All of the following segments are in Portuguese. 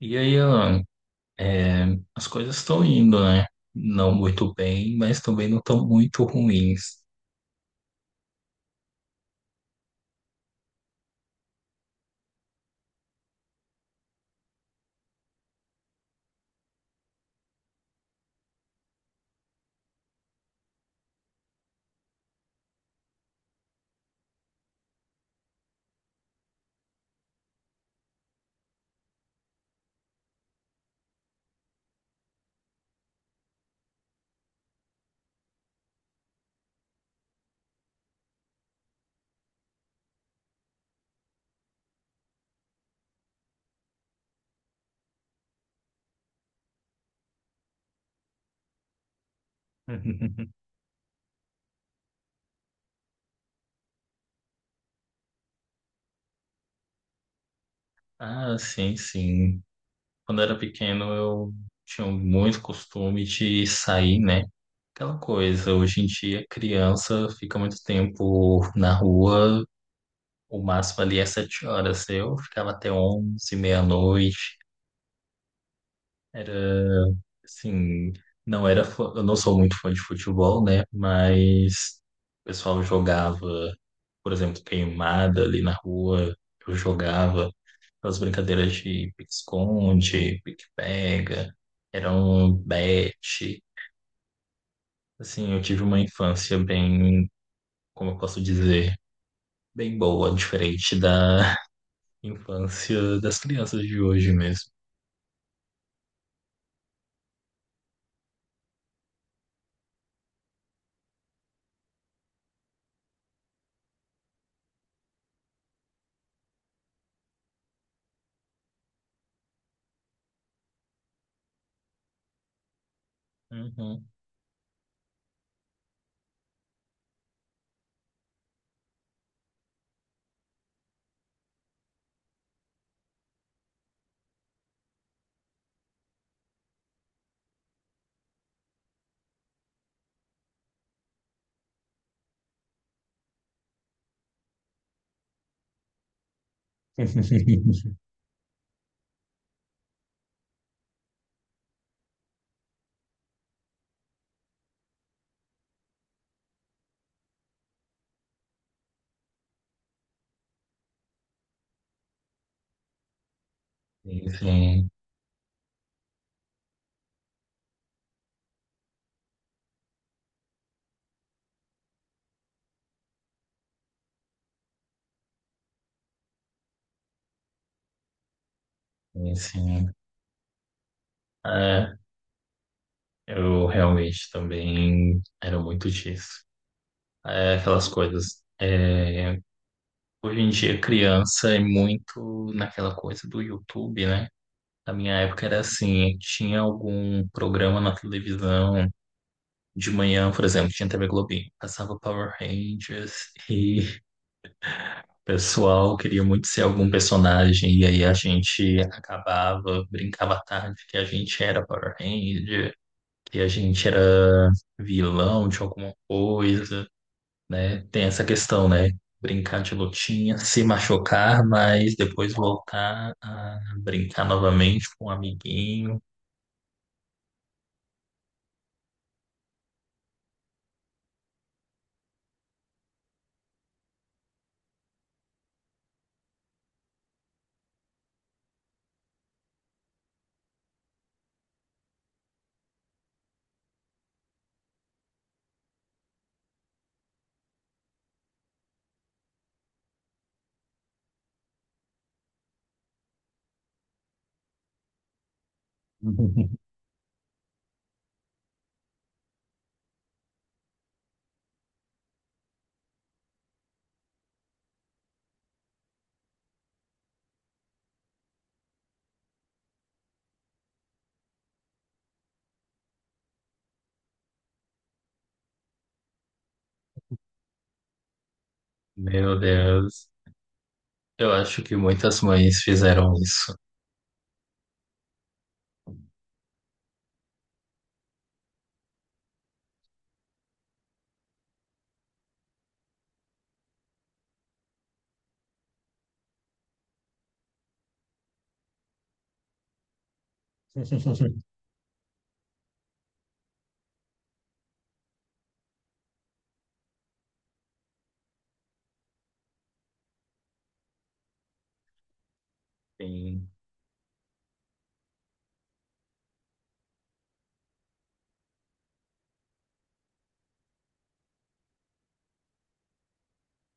E aí, Alan, é, as coisas estão indo, né? Não muito bem, mas também não estão muito ruins. Ah, sim, sim. Quando era pequeno, eu tinha muito costume de sair, né? Aquela coisa, hoje em dia, criança fica muito tempo na rua, o máximo ali é 7 horas. Eu ficava até 11, meia-noite. Era, assim, não era, fã- Eu não sou muito fã de futebol, né? Mas o pessoal jogava, por exemplo, queimada ali na rua, eu jogava aquelas brincadeiras de pique-esconde, pique-pega, era um bete. Assim, eu tive uma infância bem, como eu posso dizer, bem boa, diferente da infância das crianças de hoje mesmo. Uhum. Sim, sim, sim. É, eu realmente também era muito disso. É, aquelas coisas. Hoje em dia, criança é muito naquela coisa do YouTube, né? Na minha época era assim, tinha algum programa na televisão de manhã, por exemplo, tinha TV Globinho, passava Power Rangers e o pessoal queria muito ser algum personagem e aí a gente acabava, brincava à tarde que a gente era Power Ranger que a gente era vilão de alguma coisa, né? Tem essa questão, né? Brincar de lutinha, se machucar, mas depois voltar a brincar novamente com um amiguinho. Meu Deus, eu acho que muitas mães fizeram isso. Sim.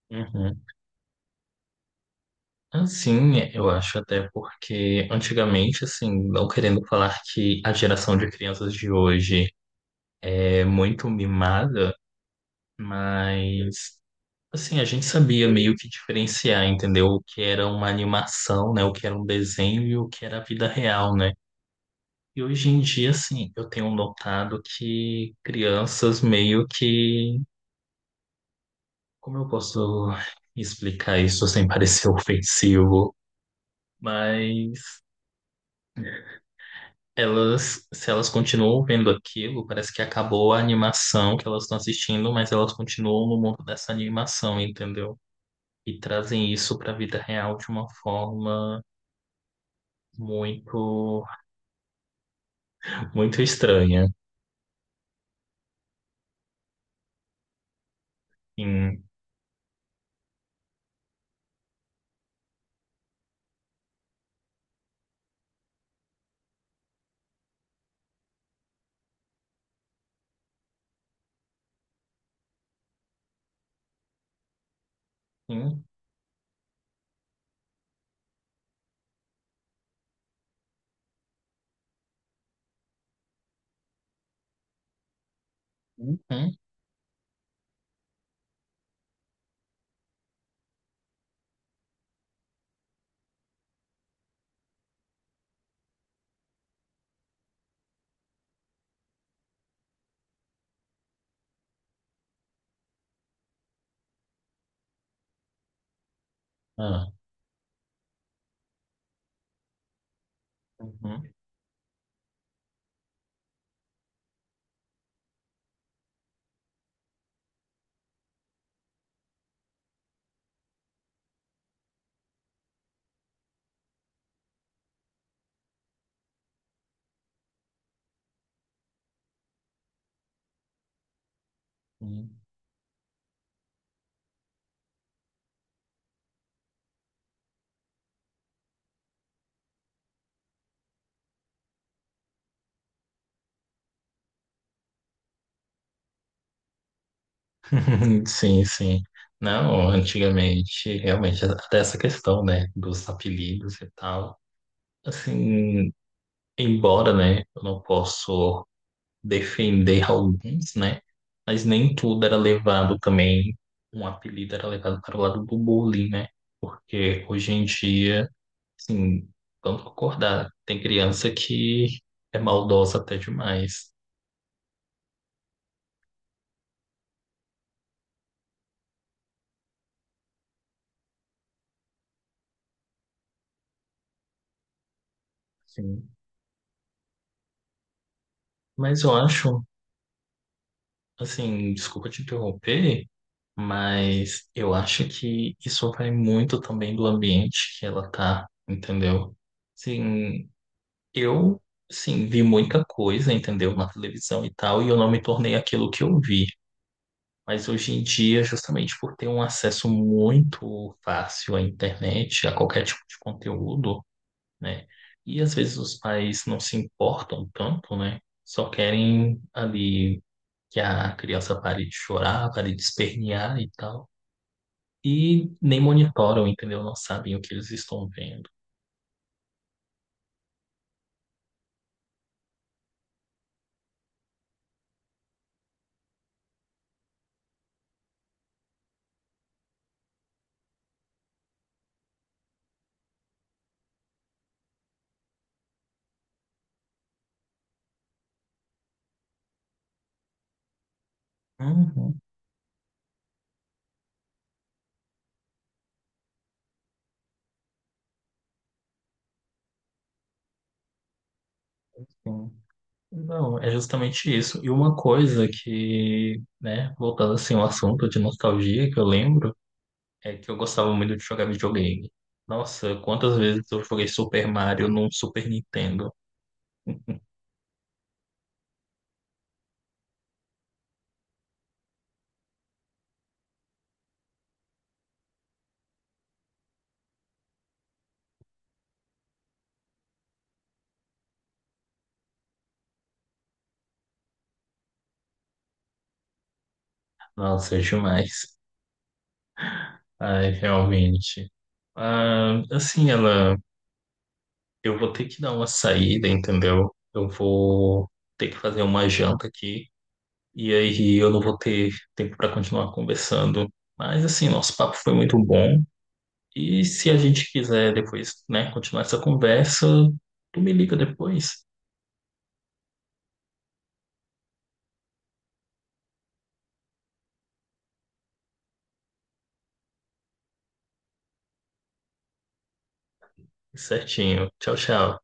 Uhum. Assim, eu acho até porque antigamente, assim, não querendo falar que a geração de crianças de hoje é muito mimada, mas assim, a gente sabia meio que diferenciar, entendeu? O que era uma animação, né? O que era um desenho e o que era a vida real, né? E hoje em dia, assim, eu tenho notado que crianças meio que. Como eu posso explicar isso sem parecer ofensivo? Mas elas, se elas continuam vendo aquilo, parece que acabou a animação que elas estão assistindo, mas elas continuam no mundo dessa animação, entendeu? E trazem isso para a vida real de uma forma. muito, muito estranha. Sim. Hum, hum, hum. Ah, uhum, hum. Sim, sim. Não, antigamente, realmente, até essa questão, né, dos apelidos e tal. Assim, embora, né, eu não posso defender alguns, né, mas nem tudo era levado também, um apelido era levado para o lado do bullying, né, porque hoje em dia sim, vamos concordar. Tem criança que é maldosa até demais. Sim. Mas eu acho, assim, desculpa te interromper, mas eu acho que isso vai muito também do ambiente que ela tá, entendeu? Sim, eu, sim, vi muita coisa, entendeu? Na televisão e tal, e eu não me tornei aquilo que eu vi. Mas hoje em dia, justamente por ter um acesso muito fácil à internet, a qualquer tipo de conteúdo, né? E às vezes os pais não se importam tanto, né? Só querem ali que a criança pare de chorar, pare de espernear e tal. E nem monitoram, entendeu? Não sabem o que eles estão vendo. Uhum, sim. Não, é justamente isso. E uma coisa que, né, voltando assim ao assunto de nostalgia que eu lembro, é que eu gostava muito de jogar videogame. Nossa, quantas vezes eu joguei Super Mario num Super Nintendo? Nossa, é demais. Ai, realmente. Ah, assim, ela, eu vou ter que dar uma saída, entendeu? Eu vou ter que fazer uma janta aqui e aí eu não vou ter tempo para continuar conversando. Mas assim, nosso papo foi muito bom. E se a gente quiser depois, né, continuar essa conversa, tu me liga depois. Certinho. Tchau, tchau.